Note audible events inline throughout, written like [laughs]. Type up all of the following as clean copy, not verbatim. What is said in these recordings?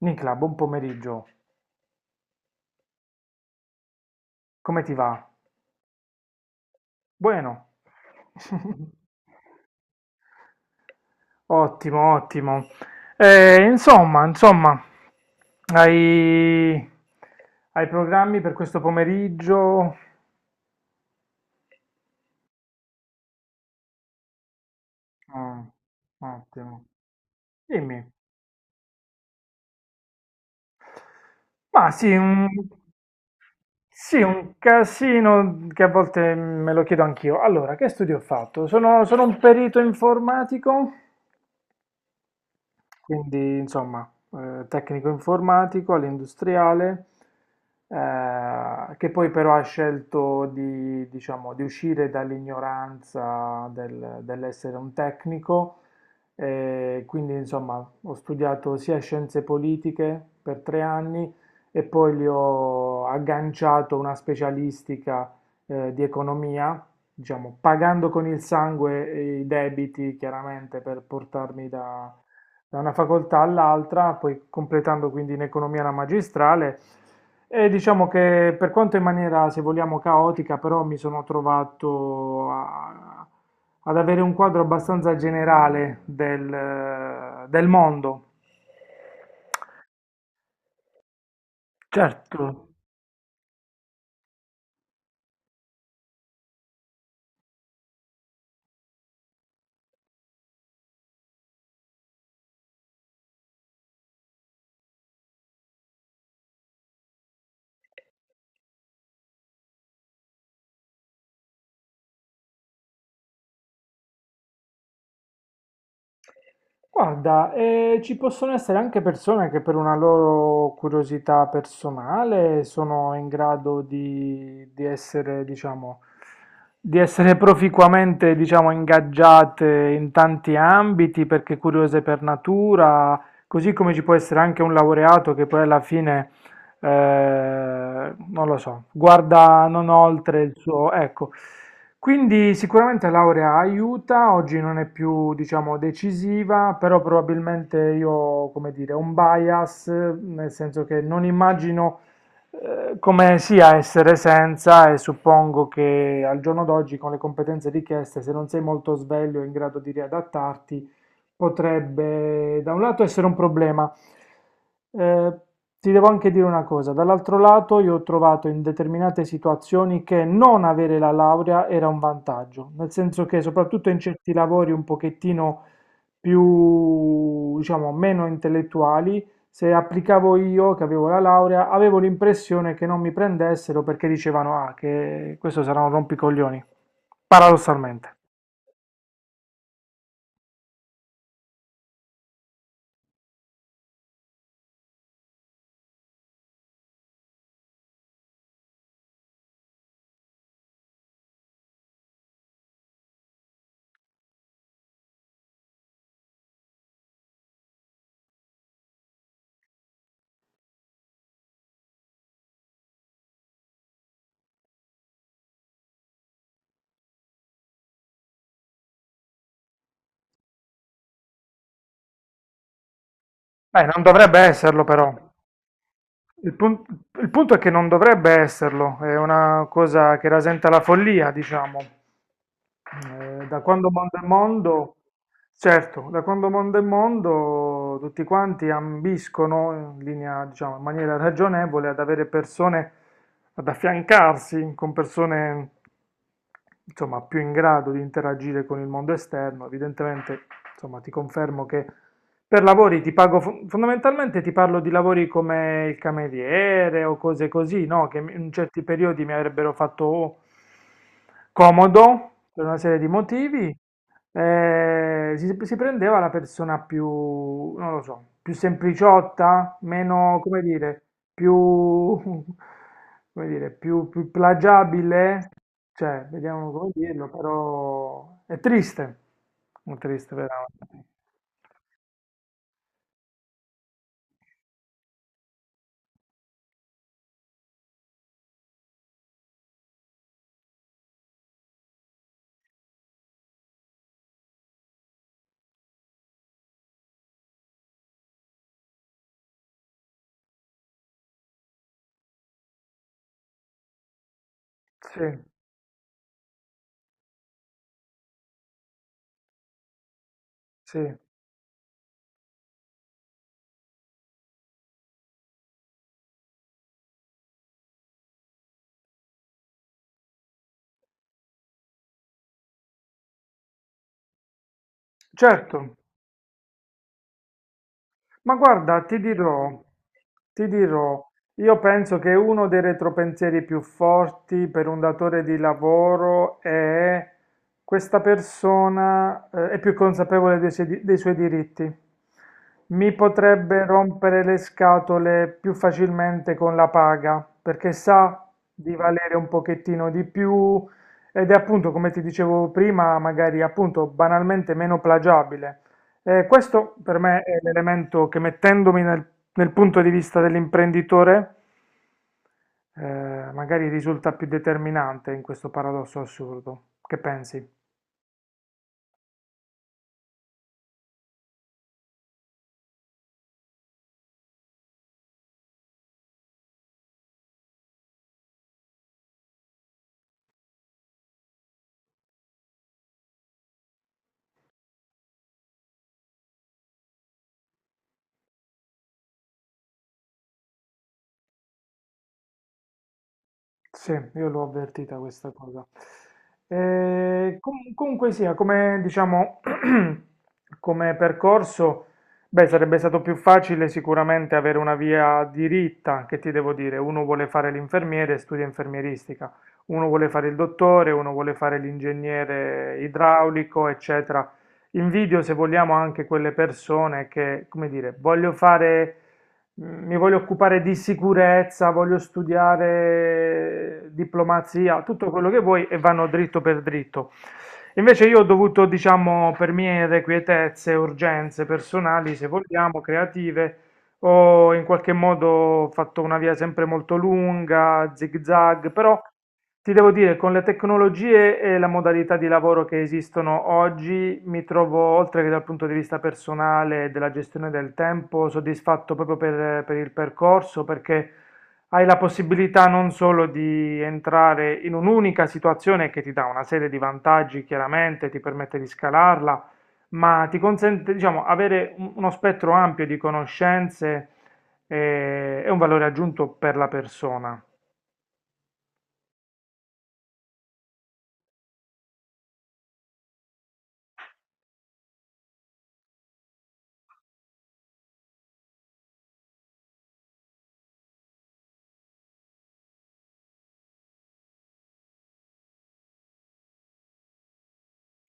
Nicla, buon pomeriggio. Come ti va? Bueno. [laughs] Ottimo, ottimo. Insomma, hai, hai programmi per questo pomeriggio? Mm, ottimo. Dimmi. Ma sì, un, sì, un casino che a volte me lo chiedo anch'io. Allora, che studio ho fatto? Sono un perito informatico? Quindi, insomma, tecnico informatico all'industriale, che poi però ha scelto di, diciamo, di uscire dall'ignoranza dell'essere un tecnico. E quindi, insomma, ho studiato sia scienze politiche per tre anni e poi gli ho agganciato una specialistica, di economia, diciamo, pagando con il sangue i debiti, chiaramente, per portarmi da una facoltà all'altra, poi completando quindi in economia la magistrale. E diciamo che per quanto in maniera, se vogliamo, caotica, però mi sono trovato ad avere un quadro abbastanza generale del mondo. Certo. Guarda, ci possono essere anche persone che per una loro curiosità personale sono in grado di essere, diciamo, di essere proficuamente, diciamo, ingaggiate in tanti ambiti perché curiose per natura, così come ci può essere anche un laureato che poi alla fine non lo so, guarda non oltre il suo, ecco. Quindi sicuramente laurea aiuta, oggi non è più, diciamo, decisiva, però probabilmente ho, come dire, un bias, nel senso che non immagino come sia essere senza, e suppongo che al giorno d'oggi con le competenze richieste, se non sei molto sveglio e in grado di riadattarti, potrebbe da un lato essere un problema. Eh, ti devo anche dire una cosa, dall'altro lato io ho trovato in determinate situazioni che non avere la laurea era un vantaggio, nel senso che soprattutto in certi lavori un pochettino più, diciamo, meno intellettuali, se applicavo io che avevo la laurea, avevo l'impressione che non mi prendessero perché dicevano, ah, che questo sarà un rompicoglioni, paradossalmente. Beh, non dovrebbe esserlo però. Il pun- il punto è che non dovrebbe esserlo, è una cosa che rasenta la follia, diciamo. Da quando mondo è mondo, certo, da quando mondo è mondo, tutti quanti ambiscono in linea, diciamo, in maniera ragionevole ad avere persone, ad affiancarsi con persone, insomma, più in grado di interagire con il mondo esterno, evidentemente. Insomma, ti confermo che per lavori ti pago, fondamentalmente ti parlo di lavori come il cameriere o cose così, no? Che in certi periodi mi avrebbero fatto comodo per una serie di motivi. Si prendeva la persona più, non lo so, più sempliciotta, meno, come dire, più, [laughs] come dire, più plagiabile, cioè, vediamo come dirlo, però è triste veramente. Sì, sì, certo. Ma guarda, ti dirò, ti dirò, io penso che uno dei retropensieri più forti per un datore di lavoro è questa persona, è più consapevole dei dei suoi diritti. Mi potrebbe rompere le scatole più facilmente con la paga, perché sa di valere un pochettino di più ed è appunto, come ti dicevo prima, magari appunto banalmente meno plagiabile. Questo per me è l'elemento che mettendomi nel punto di vista dell'imprenditore, magari risulta più determinante in questo paradosso assurdo. Che pensi? Sì, io l'ho avvertita questa cosa. Comunque sia, come diciamo, [clears throat] come percorso, beh, sarebbe stato più facile sicuramente avere una via diritta, che ti devo dire, uno vuole fare l'infermiere e studia infermieristica, uno vuole fare il dottore, uno vuole fare l'ingegnere idraulico, eccetera. Invidio, se vogliamo, anche quelle persone che, come dire, voglio fare, mi voglio occupare di sicurezza, voglio studiare diplomazia, tutto quello che vuoi, e vanno dritto per dritto. Invece io ho dovuto, diciamo, per mie irrequietezze, urgenze personali, se vogliamo, creative, ho in qualche modo fatto una via sempre molto lunga, zig zag, però ti devo dire, con le tecnologie e la modalità di lavoro che esistono oggi, mi trovo, oltre che dal punto di vista personale e della gestione del tempo, soddisfatto proprio per il percorso, perché hai la possibilità non solo di entrare in un'unica situazione che ti dà una serie di vantaggi, chiaramente, ti permette di scalarla, ma ti consente, diciamo, avere uno spettro ampio di conoscenze, e un valore aggiunto per la persona.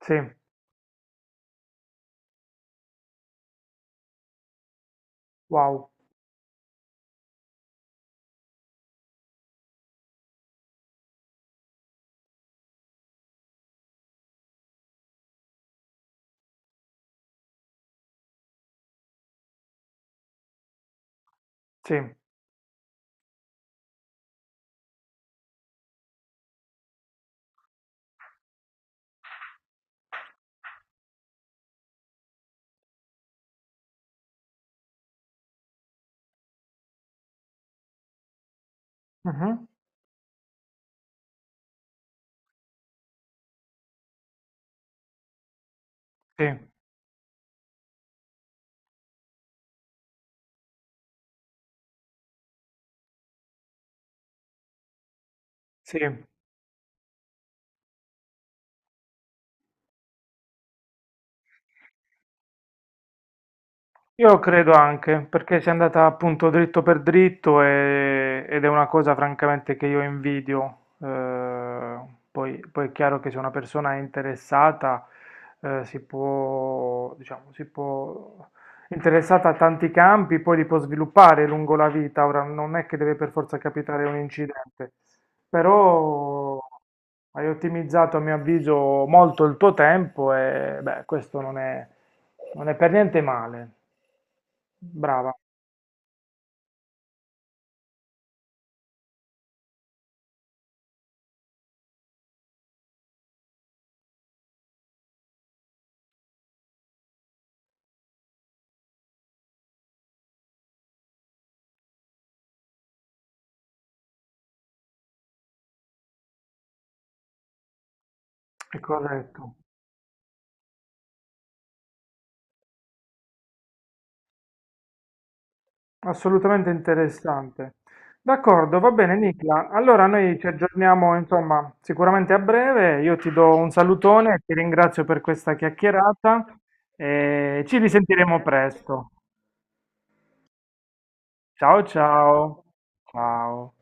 Sì, wow, sì. Mhm, sì, sì, io credo anche, perché si è andata appunto dritto per dritto ed è una cosa francamente che io invidio. Eh, poi è chiaro che se una persona è interessata, si può, diciamo, si può, interessata a tanti campi, poi li può sviluppare lungo la vita. Ora non è che deve per forza capitare un incidente. Però hai ottimizzato a mio avviso molto il tuo tempo e beh, questo non è, non è per niente male. Brava, è corretto. Assolutamente interessante. D'accordo, va bene Nicla. Allora noi ci aggiorniamo, insomma, sicuramente a breve. Io ti do un salutone, ti ringrazio per questa chiacchierata e ci risentiremo presto. Ciao ciao. Ciao.